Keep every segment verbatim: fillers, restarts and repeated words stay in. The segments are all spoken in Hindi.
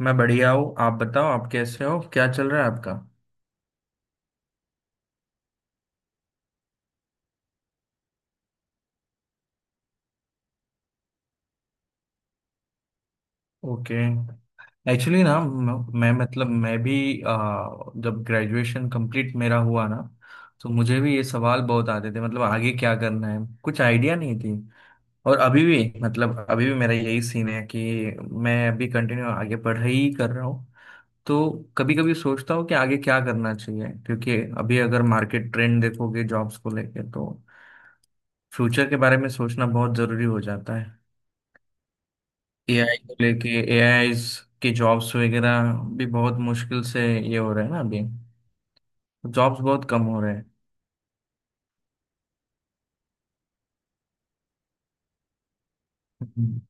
मैं बढ़िया हूँ। आप बताओ, आप कैसे हो? क्या चल रहा है आपका? ओके। एक्चुअली ना म- मैं मतलब मैं भी आ, जब ग्रेजुएशन कंप्लीट मेरा हुआ ना तो मुझे भी ये सवाल बहुत आते थे, मतलब आगे क्या करना है, कुछ आइडिया नहीं थी। और अभी भी मतलब अभी भी मेरा यही सीन है कि मैं अभी कंटिन्यू आगे पढ़ाई ही कर रहा हूँ। तो कभी कभी सोचता हूँ कि आगे क्या करना चाहिए, क्योंकि अभी अगर मार्केट ट्रेंड देखोगे जॉब्स को लेके तो फ्यूचर के बारे में सोचना बहुत जरूरी हो जाता है। एआई को लेके एआई की जॉब्स वगैरह भी बहुत मुश्किल से ये हो रहे हैं ना अभी, जॉब्स बहुत कम हो रहे हैं। हम्म।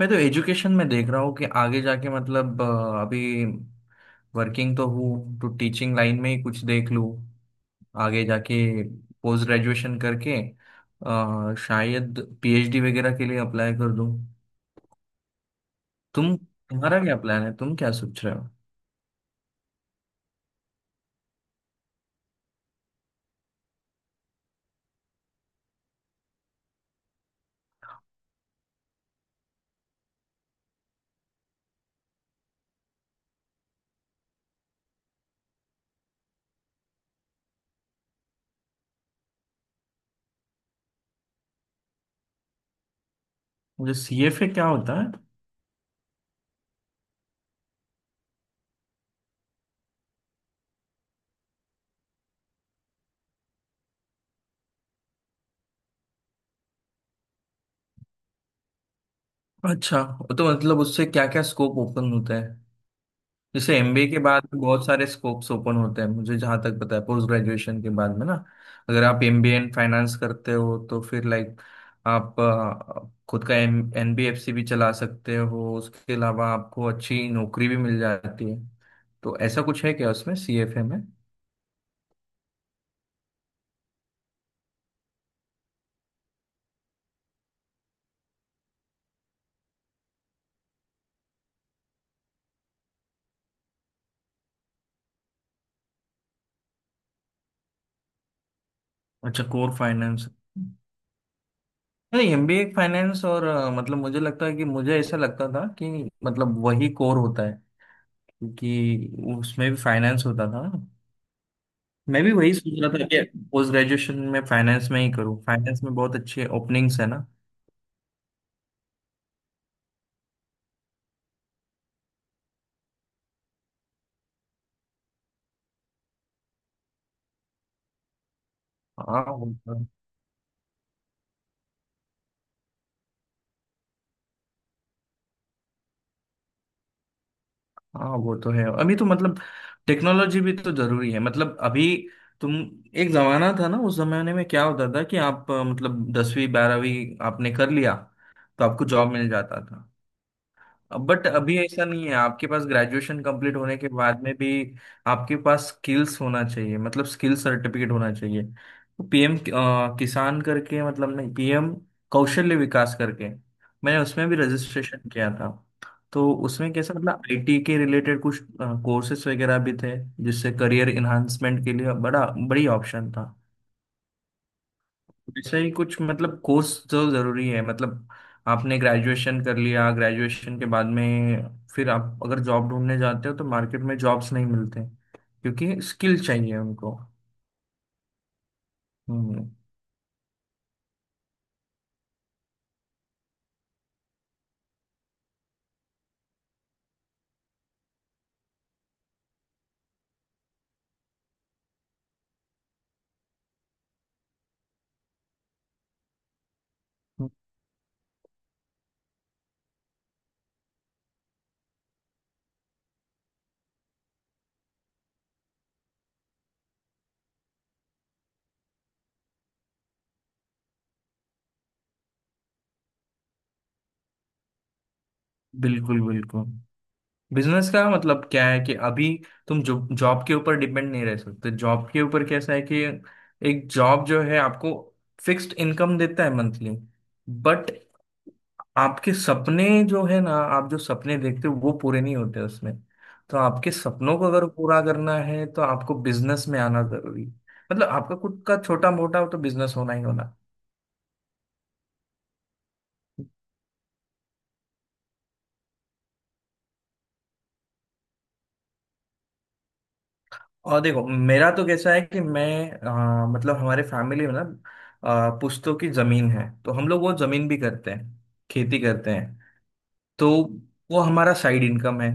मैं तो एजुकेशन में देख रहा हूँ कि आगे जाके मतलब अ, अभी वर्किंग तो हूँ तो टीचिंग लाइन में ही कुछ देख लूँ, आगे जाके पोस्ट ग्रेजुएशन करके अ, शायद पीएचडी वगैरह के लिए अप्लाई कर दूँ। तुम, तुम्हारा क्या प्लान है? तुम क्या सोच रहे हो? मुझे सीएफए क्या होता है? अच्छा, तो मतलब उससे क्या क्या स्कोप ओपन होता है? जैसे एमबीए के बाद भी बहुत सारे स्कोप्स ओपन होते हैं, मुझे जहाँ तक पता है पोस्ट ग्रेजुएशन के बाद में ना, अगर आप एमबीए इन फाइनेंस करते हो तो फिर लाइक आप अ, खुद का एम एनबीएफसी भी चला सकते हो, उसके अलावा आपको अच्छी नौकरी भी मिल जाती है। तो ऐसा कुछ है क्या उसमें, सीएफए में? अच्छा, कोर फाइनेंस। नहीं, एमबीए फाइनेंस और अ, मतलब मुझे लगता है कि मुझे ऐसा लगता था कि मतलब वही कोर होता है, क्योंकि उसमें भी फाइनेंस होता था। मैं भी वही सोच रहा था कि पोस्ट ग्रेजुएशन में फाइनेंस में ही करूँ, फाइनेंस में बहुत अच्छे ओपनिंग्स है ना। हाँ वो तो हाँ वो तो है। अभी तो मतलब टेक्नोलॉजी भी तो जरूरी है, मतलब अभी तुम एक जमाना था ना, उस जमाने में क्या होता था कि आप अ, मतलब दसवीं बारहवीं आपने कर लिया तो आपको जॉब मिल जाता था। बट अभी ऐसा नहीं है, आपके पास ग्रेजुएशन कंप्लीट होने के बाद में भी आपके पास स्किल्स होना चाहिए, मतलब स्किल सर्टिफिकेट होना चाहिए। तो पीएम किसान करके, मतलब नहीं, पीएम कौशल्य विकास करके, मैंने उसमें भी रजिस्ट्रेशन किया था। तो उसमें कैसा, मतलब आईटी के रिलेटेड कुछ कोर्सेज वगैरह भी थे, जिससे करियर इन्हांसमेंट के लिए बड़ा, बड़ी ऑप्शन था। ऐसा ही कुछ मतलब कोर्स जो जरूरी है, मतलब आपने ग्रेजुएशन कर लिया, ग्रेजुएशन के बाद में फिर आप अगर जॉब ढूंढने जाते हो तो मार्केट में जॉब्स नहीं मिलते, क्योंकि स्किल चाहिए उनको। हम्म। बिल्कुल बिल्कुल। बिजनेस का मतलब क्या है कि अभी तुम जो जॉब के ऊपर डिपेंड नहीं रह सकते, जॉब के ऊपर कैसा है कि एक जॉब जो है आपको फिक्स्ड इनकम देता है मंथली, बट आपके सपने जो है ना, आप जो सपने देखते हो वो पूरे नहीं होते उसमें। तो आपके सपनों को अगर पूरा करना है तो आपको बिजनेस में आना जरूरी है, मतलब आपका खुद का छोटा मोटा तो बिजनेस होना ही होना। और देखो, मेरा तो कैसा है कि मैं अ, मतलब हमारे फैमिली में ना अ, पुश्तों की जमीन है, तो हम लोग वो जमीन भी करते हैं, खेती करते हैं। तो वो हमारा साइड इनकम है,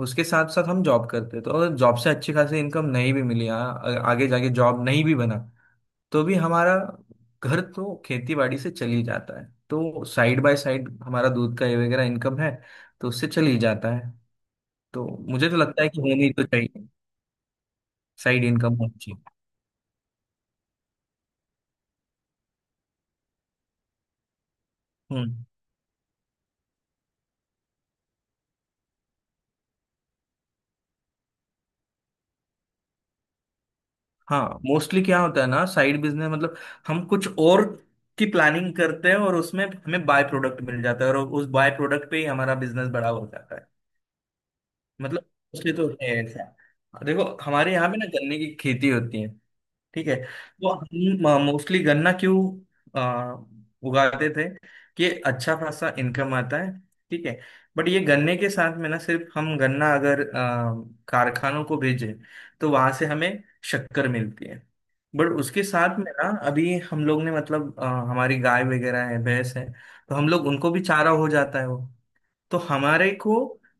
उसके साथ साथ हम जॉब करते हैं। तो अगर जॉब से अच्छी खासी इनकम नहीं भी मिली, आ, आगे जाके जॉब नहीं भी बना, तो भी हमारा घर तो खेती बाड़ी से चल ही जाता है। तो साइड बाय साइड हमारा दूध का ये वगैरह इनकम है, तो उससे चल ही जाता है। तो मुझे तो लगता है कि होनी तो चाहिए, साइड इनकम होनी चाहिए। हम्म। हाँ, मोस्टली क्या होता है ना, साइड बिजनेस मतलब हम कुछ और की प्लानिंग करते हैं और उसमें हमें बाय प्रोडक्ट मिल जाता है और उस बाय प्रोडक्ट पे ही हमारा बिजनेस बड़ा हो जाता है। मतलब उसके तो है ऐसा। देखो हमारे यहाँ पे ना गन्ने की खेती होती है, ठीक है। तो हम मोस्टली गन्ना क्यों आ, उगाते थे? कि अच्छा खासा इनकम आता है, ठीक है। बट ये गन्ने के साथ में ना, सिर्फ हम गन्ना अगर आ, कारखानों को भेजें, तो वहां से हमें शक्कर मिलती है। बट उसके साथ में ना अभी हम लोग ने मतलब आ, हमारी गाय वगैरह है, भैंस है, तो हम लोग उनको भी चारा हो जाता है वो। तो हमारे को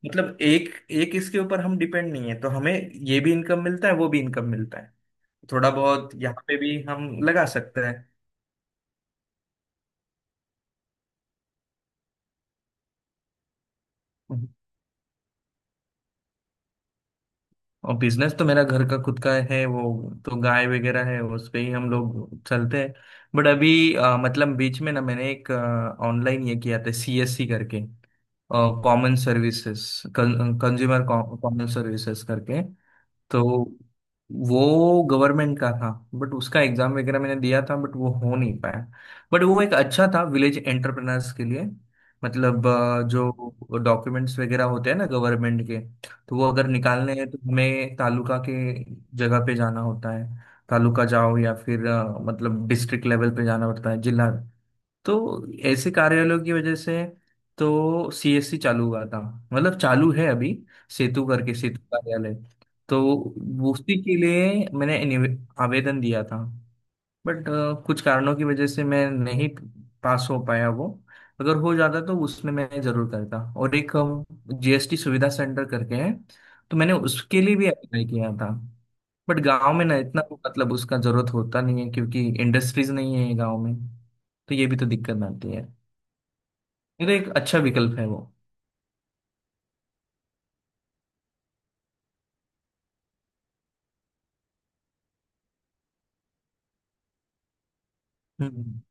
मतलब एक एक इसके ऊपर हम डिपेंड नहीं है, तो हमें ये भी इनकम मिलता है, वो भी इनकम मिलता है। थोड़ा बहुत यहाँ पे भी हम लगा सकते हैं। और बिजनेस तो मेरा घर का खुद का है वो, तो गाय वगैरह है उस पे ही हम लोग चलते हैं। बट अभी अ, मतलब बीच में ना मैंने एक ऑनलाइन ये किया था, सीएससी करके, common services, consumer common services करके। तो वो गवर्नमेंट का था, बट उसका एग्जाम वगैरह मैंने दिया था, बट वो हो नहीं पाया। बट वो एक अच्छा था विलेज एंटरप्रेनर्स के लिए, मतलब अ, जो डॉक्यूमेंट्स वगैरह होते हैं ना गवर्नमेंट के, तो वो अगर निकालने हैं तो हमें तालुका के जगह पे जाना होता है। तालुका जाओ या फिर अ, मतलब डिस्ट्रिक्ट लेवल पे जाना पड़ता है, जिला। तो ऐसे कार्यालयों की वजह से तो सीएससी चालू हुआ था, मतलब चालू है अभी, सेतु करके, सेतु कार्यालय। तो वो उसी के लिए मैंने निवे- आवेदन दिया था। बट कुछ कारणों की वजह से मैं नहीं पास हो पाया वो। अगर हो जाता तो उसमें मैं जरूर करता। और एक जीएसटी सुविधा सेंटर करके है, तो मैंने उसके लिए भी अप्लाई किया था। बट गांव में ना इतना मतलब उसका जरूरत होता नहीं है क्योंकि इंडस्ट्रीज नहीं है गांव में, तो ये भी तो दिक्कत आती है। ये तो एक अच्छा विकल्प है वो। हम्म।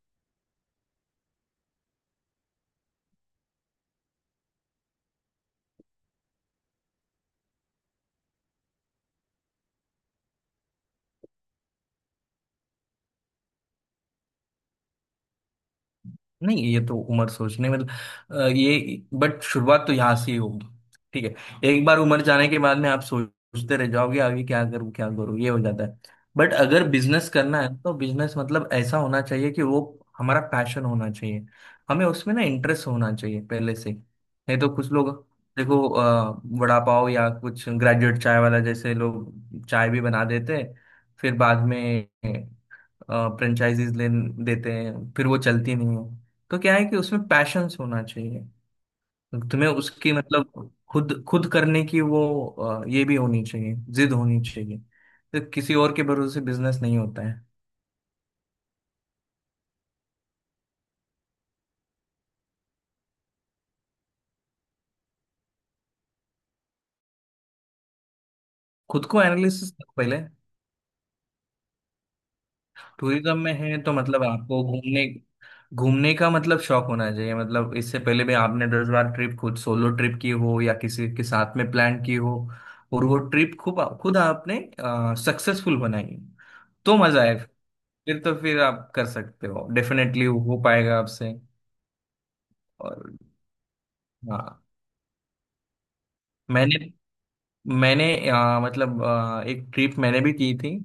नहीं ये तो उम्र सोचने मतलब अ, ये, बट शुरुआत तो यहाँ से ही होगी, ठीक है। एक बार उम्र जाने के बाद में आप सोचते रह जाओगे, आगे क्या करूँ क्या करूँ, ये हो जाता है। बट अगर बिजनेस करना है तो बिजनेस मतलब ऐसा होना चाहिए कि वो हमारा पैशन होना चाहिए, हमें उसमें ना इंटरेस्ट होना चाहिए पहले से। नहीं तो कुछ लोग, देखो अ, वड़ा पाव या कुछ ग्रेजुएट चाय वाला जैसे लोग चाय भी बना देते हैं, फिर बाद में फ्रेंचाइजीज ले देते हैं, फिर वो चलती नहीं है। तो क्या है कि उसमें पैशंस होना चाहिए। तुम्हें उसकी मतलब खुद खुद करने की वो अ, ये भी होनी चाहिए, जिद होनी चाहिए। तो किसी और के भरोसे बिजनेस नहीं होता है। खुद को एनालिसिस पहले। टूरिज्म में है तो मतलब आपको घूमने घूमने का मतलब शौक होना चाहिए, मतलब इससे पहले भी आपने दस बार ट्रिप खुद, सोलो ट्रिप की हो या किसी के साथ में प्लान की हो, और वो ट्रिप खूब खुद आपने सक्सेसफुल बनाई हो, तो मजा आए, फिर तो फिर आप कर सकते हो, डेफिनेटली हो पाएगा आपसे। और हाँ, मैंने मैंने अ, मतलब अ, एक ट्रिप मैंने भी की थी,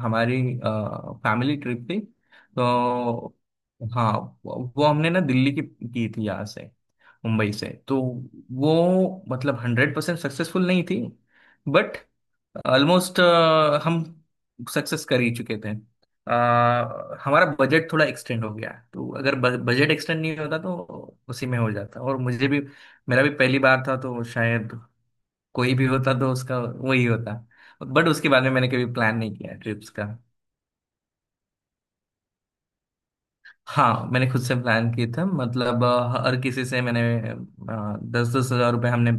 हमारी फैमिली ट्रिप थी। तो हाँ, वो वो हमने ना दिल्ली की की थी यहाँ से, मुंबई से। तो वो मतलब हंड्रेड परसेंट सक्सेसफुल नहीं थी, बट ऑलमोस्ट हम सक्सेस कर ही चुके थे। अ, हमारा बजट थोड़ा एक्सटेंड हो गया, तो अगर बजट एक्सटेंड नहीं होता तो उसी में हो जाता। और मुझे भी मेरा भी पहली बार था, तो शायद कोई भी होता तो उसका वही होता। बट उसके बारे में मैंने कभी प्लान नहीं किया ट्रिप्स का। हाँ, मैंने खुद से प्लान किए थे, मतलब अ, हर किसी से मैंने दस दस हजार रुपये हमने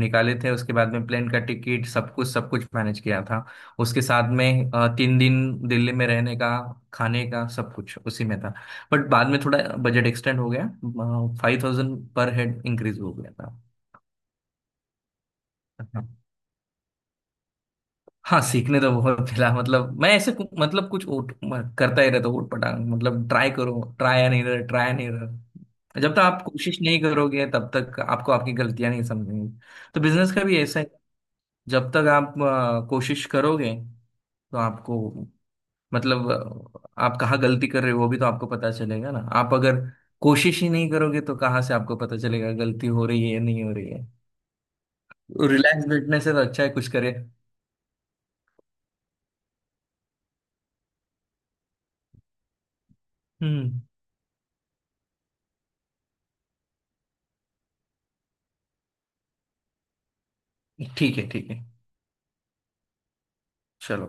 निकाले थे, उसके बाद में प्लेन का टिकट सब कुछ, सब कुछ मैनेज किया था। उसके साथ में अ, तीन दिन दिल्ली में रहने का, खाने का, सब कुछ उसी में था। बट बाद में थोड़ा बजट एक्सटेंड हो गया, five thousand per head increase हो गया था। हाँ, सीखने तो बहुत मिला, मतलब मैं ऐसे कु- मतलब कुछ उट, म- करता ही रहता हूँ उटपटांग, मतलब ट्राई करो। ट्राई नहीं रहा ट्राई नहीं रहा जब तक आप कोशिश नहीं करोगे तब तक आपको आपकी गलतियां नहीं समझेंगी। तो बिजनेस का भी ऐसा है, जब तक आप अ, कोशिश करोगे तो आपको मतलब अ, आप कहाँ गलती कर रहे हो वो भी तो आपको पता चलेगा ना। आप अगर कोशिश ही नहीं करोगे तो कहाँ से आपको पता चलेगा गलती हो रही है या नहीं हो रही है। रिलैक्स बैठने से तो अच्छा है कुछ करे। हम्म। ठीक है, ठीक है, चलो।